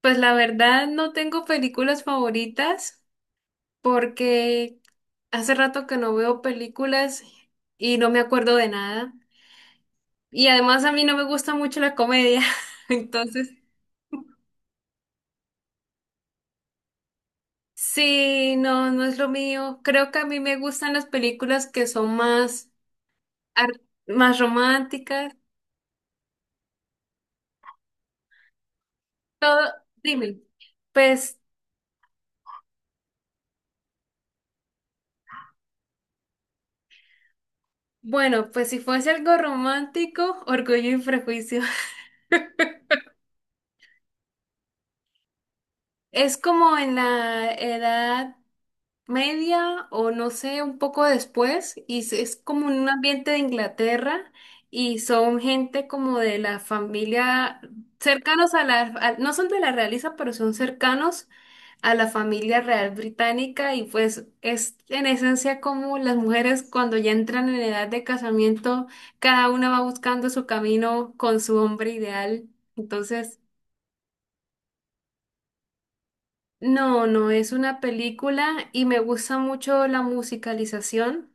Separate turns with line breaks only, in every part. Pues la verdad no tengo películas favoritas porque hace rato que no veo películas y no me acuerdo de nada. Y además a mí no me gusta mucho la comedia. Entonces, sí, no, no es lo mío. Creo que a mí me gustan las películas que son más, ar- más románticas. Todo, dime. Pues bueno, pues si fuese algo romántico, Orgullo y Prejuicio. Es como en la edad media o no sé, un poco después, y es como en un ambiente de Inglaterra y son gente como de la familia, cercanos a no son de la realeza, pero son cercanos a la familia real británica y pues es en esencia como las mujeres cuando ya entran en edad de casamiento, cada una va buscando su camino con su hombre ideal. Entonces, no, no es una película y me gusta mucho la musicalización.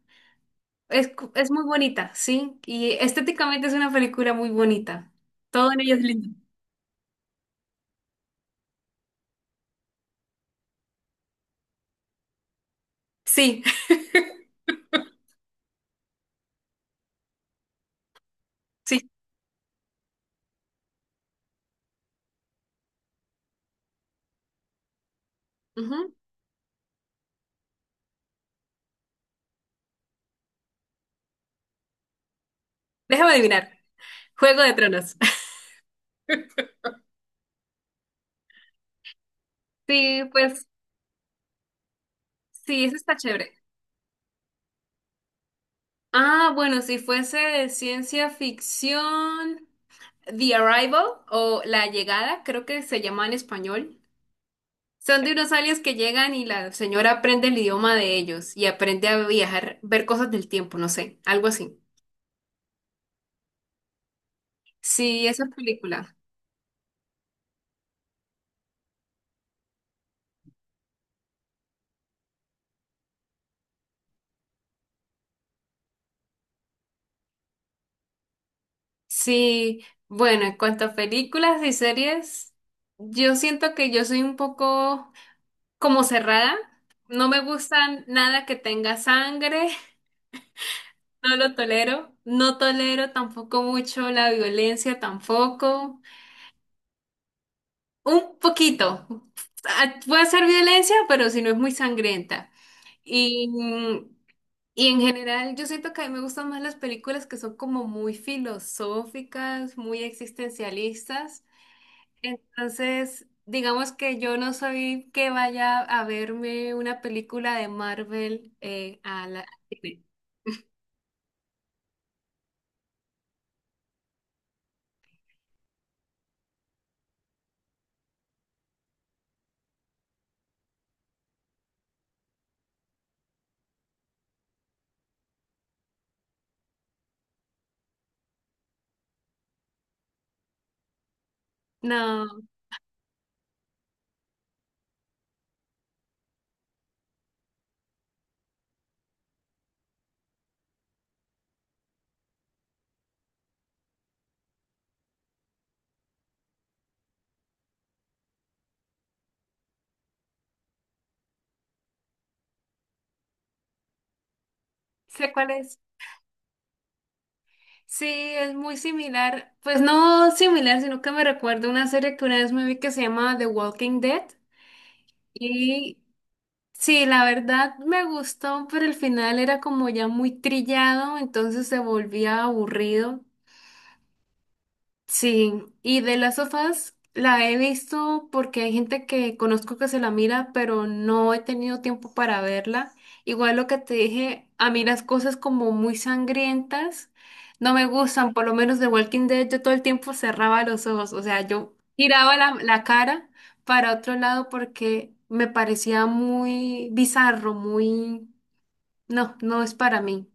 Es, es muy bonita, sí. Y estéticamente es una película muy bonita. Todo en ella es lindo. Sí, sí. Ujú. Déjame adivinar. Juego de Tronos. Sí, pues sí, eso está chévere. Ah, bueno, si fuese de ciencia ficción, The Arrival o La Llegada, creo que se llama en español. Son de unos aliens que llegan y la señora aprende el idioma de ellos y aprende a viajar, ver cosas del tiempo, no sé, algo así. Sí, esa película. Sí, bueno, en cuanto a películas y series, yo siento que yo soy un poco como cerrada. No me gusta nada que tenga sangre, no lo tolero. No tolero tampoco mucho la violencia, tampoco. Un poquito. Ah, puede ser violencia, pero si no es muy sangrienta. Y, mm, y en general, yo siento que a mí me gustan más las películas que son como muy filosóficas, muy existencialistas. Entonces, digamos que yo no soy que vaya a verme una película de Marvel a la... No, sé cuál es. Sí, es muy similar. Pues no similar, sino que me recuerda una serie que una vez me vi que se llama The Walking Dead. Y sí, la verdad me gustó, pero el final era como ya muy trillado, entonces se volvía aburrido. Sí, y de las sofás la he visto porque hay gente que conozco que se la mira, pero no he tenido tiempo para verla. Igual lo que te dije, a mí las cosas como muy sangrientas no me gustan, por lo menos de Walking Dead yo todo el tiempo cerraba los ojos, o sea, yo giraba la cara para otro lado porque me parecía muy bizarro, muy... No, no es para mí.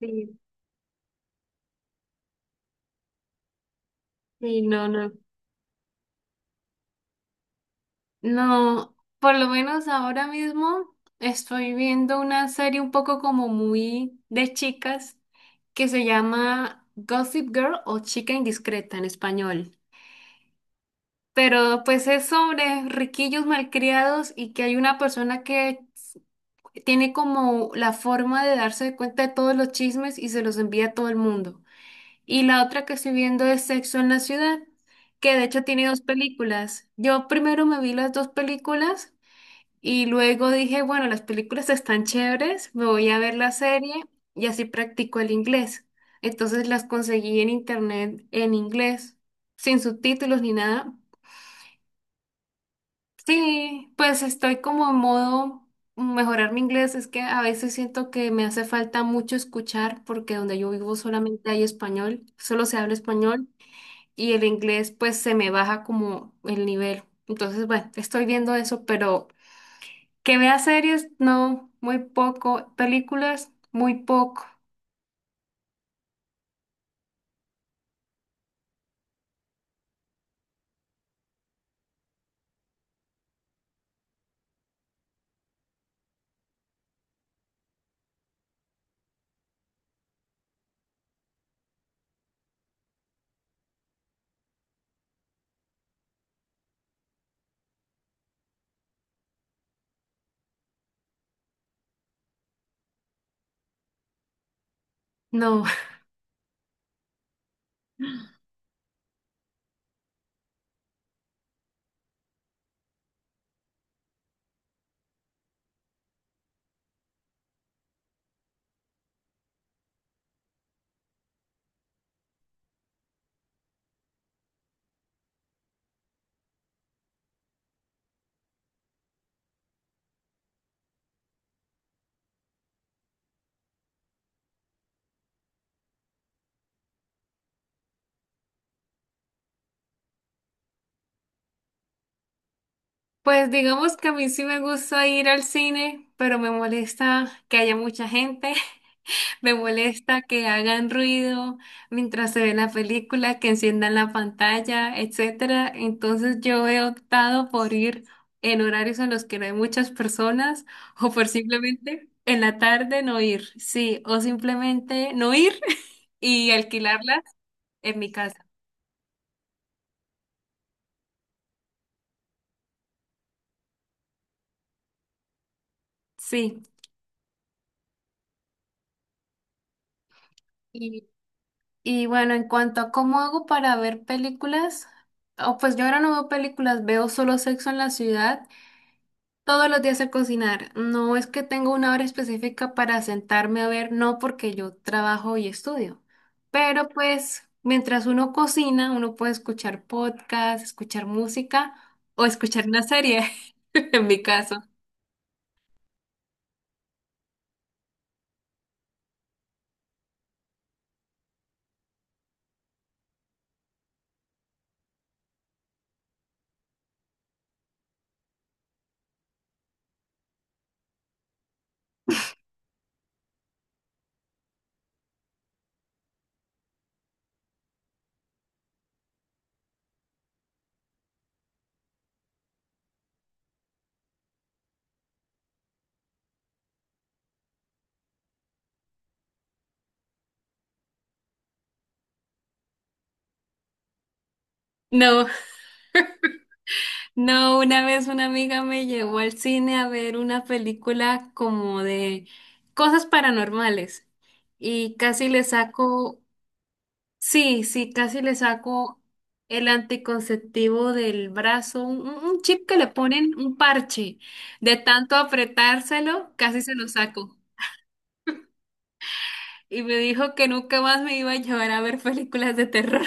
Sí, sí, no, no. No, por lo menos ahora mismo estoy viendo una serie un poco como muy de chicas que se llama Gossip Girl o Chica Indiscreta en español. Pero pues es sobre riquillos malcriados y que hay una persona que tiene como la forma de darse cuenta de todos los chismes y se los envía a todo el mundo. Y la otra que estoy viendo es Sexo en la Ciudad, que de hecho tiene dos películas. Yo primero me vi las dos películas. Y luego dije, bueno, las películas están chéveres, me voy a ver la serie y así practico el inglés. Entonces las conseguí en internet en inglés, sin subtítulos ni nada. Sí, pues estoy como en modo mejorar mi inglés. Es que a veces siento que me hace falta mucho escuchar porque donde yo vivo solamente hay español, solo se habla español y el inglés pues se me baja como el nivel. Entonces, bueno, estoy viendo eso, pero... Que vea series, no, muy poco. Películas, muy poco. No. Pues digamos que a mí sí me gusta ir al cine, pero me molesta que haya mucha gente, me molesta que hagan ruido mientras se ve la película, que enciendan la pantalla, etcétera. Entonces yo he optado por ir en horarios en los que no hay muchas personas o por simplemente en la tarde no ir, sí, o simplemente no ir y alquilarlas en mi casa. Sí. Y, y bueno, en cuanto a cómo hago para ver películas, oh, pues yo ahora no veo películas, veo solo Sexo en la Ciudad todos los días a cocinar. No es que tengo una hora específica para sentarme a ver, no porque yo trabajo y estudio. Pero pues mientras uno cocina, uno puede escuchar podcast, escuchar música o escuchar una serie, en mi caso. No, no, una vez una amiga me llevó al cine a ver una película como de cosas paranormales y casi le saco, sí, sí, casi le saco el anticonceptivo del brazo, un chip que le ponen, un parche, de tanto apretárselo, casi se lo saco. Y me dijo que nunca más me iba a llevar a ver películas de terror.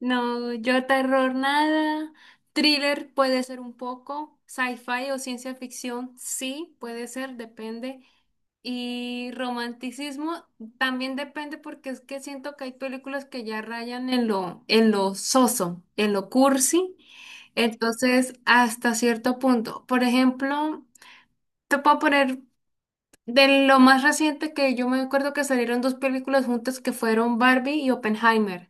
No, yo terror nada. Thriller puede ser un poco. Sci-fi o ciencia ficción, sí, puede ser, depende. Y romanticismo también depende porque es que siento que hay películas que ya rayan en lo soso, en lo cursi. Entonces, hasta cierto punto. Por ejemplo, te puedo poner de lo más reciente que yo me acuerdo que salieron dos películas juntas que fueron Barbie y Oppenheimer.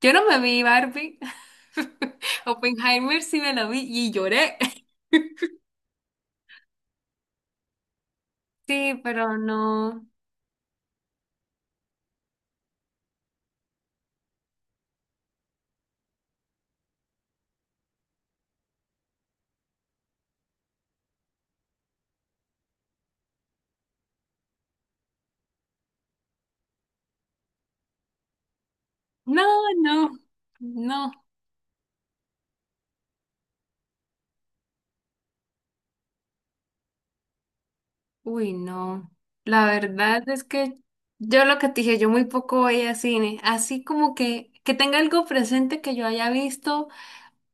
Yo no me vi Barbie. Oppenheimer sí me la vi y lloré. Sí, pero no. No, no, no. Uy, no. La verdad es que yo lo que te dije, yo muy poco veía cine. Así como que tenga algo presente que yo haya visto.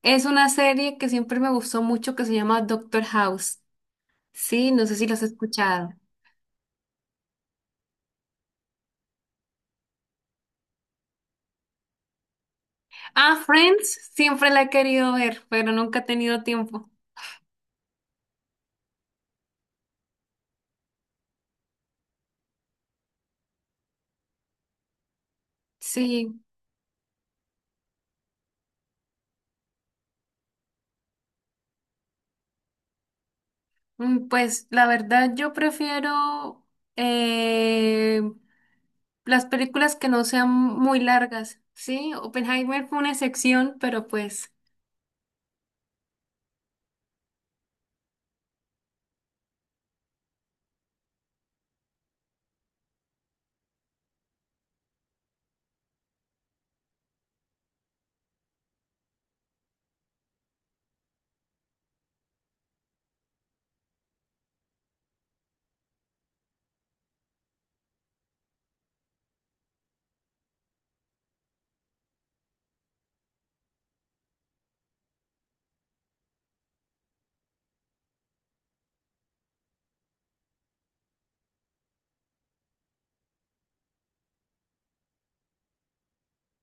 Es una serie que siempre me gustó mucho que se llama Doctor House. Sí, no sé si la has escuchado. Ah, Friends, siempre la he querido ver, pero nunca he tenido tiempo. Sí. Pues la verdad yo prefiero eh, las películas que no sean muy largas, ¿sí? Oppenheimer fue una excepción, pero pues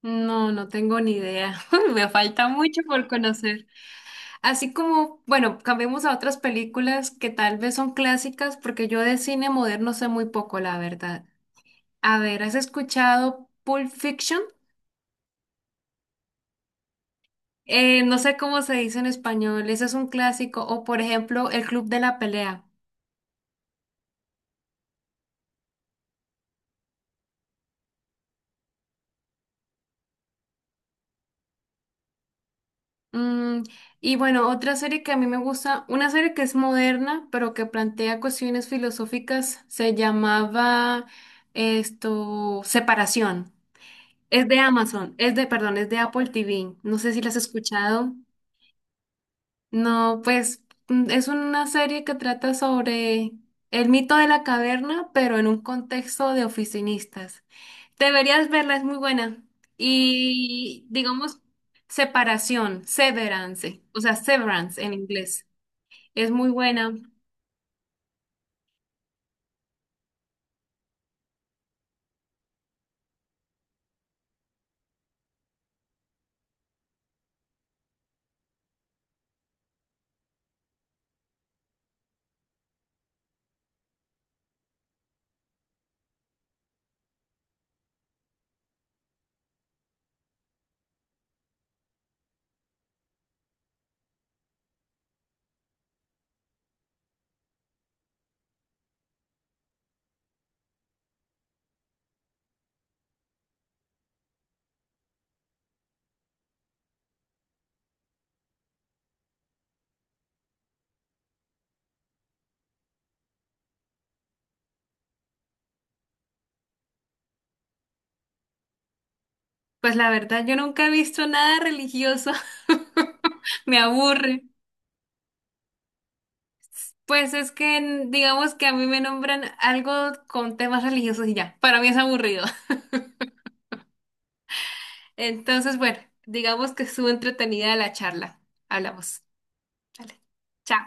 no, no tengo ni idea. Me falta mucho por conocer. Así como, bueno, cambiemos a otras películas que tal vez son clásicas, porque yo de cine moderno sé muy poco, la verdad. A ver, ¿has escuchado Pulp Fiction? No sé cómo se dice en español, ese es un clásico, o por ejemplo, El Club de la Pelea. Mm, y bueno, otra serie que a mí me gusta, una serie que es moderna, pero que plantea cuestiones filosóficas, se llamaba esto, Separación. Es de Amazon, es de, perdón, es de Apple TV. No sé si la has escuchado. No, pues es una serie que trata sobre el mito de la caverna, pero en un contexto de oficinistas. Deberías verla, es muy buena. Y digamos, separación, severance, o sea, severance en inglés. Es muy buena. Pues la verdad, yo nunca he visto nada religioso. Me aburre. Pues es que en- digamos que a mí me nombran algo con temas religiosos y ya. Para mí es aburrido. Entonces, bueno, digamos que estuvo entretenida la charla. Hablamos. Vale. Chao.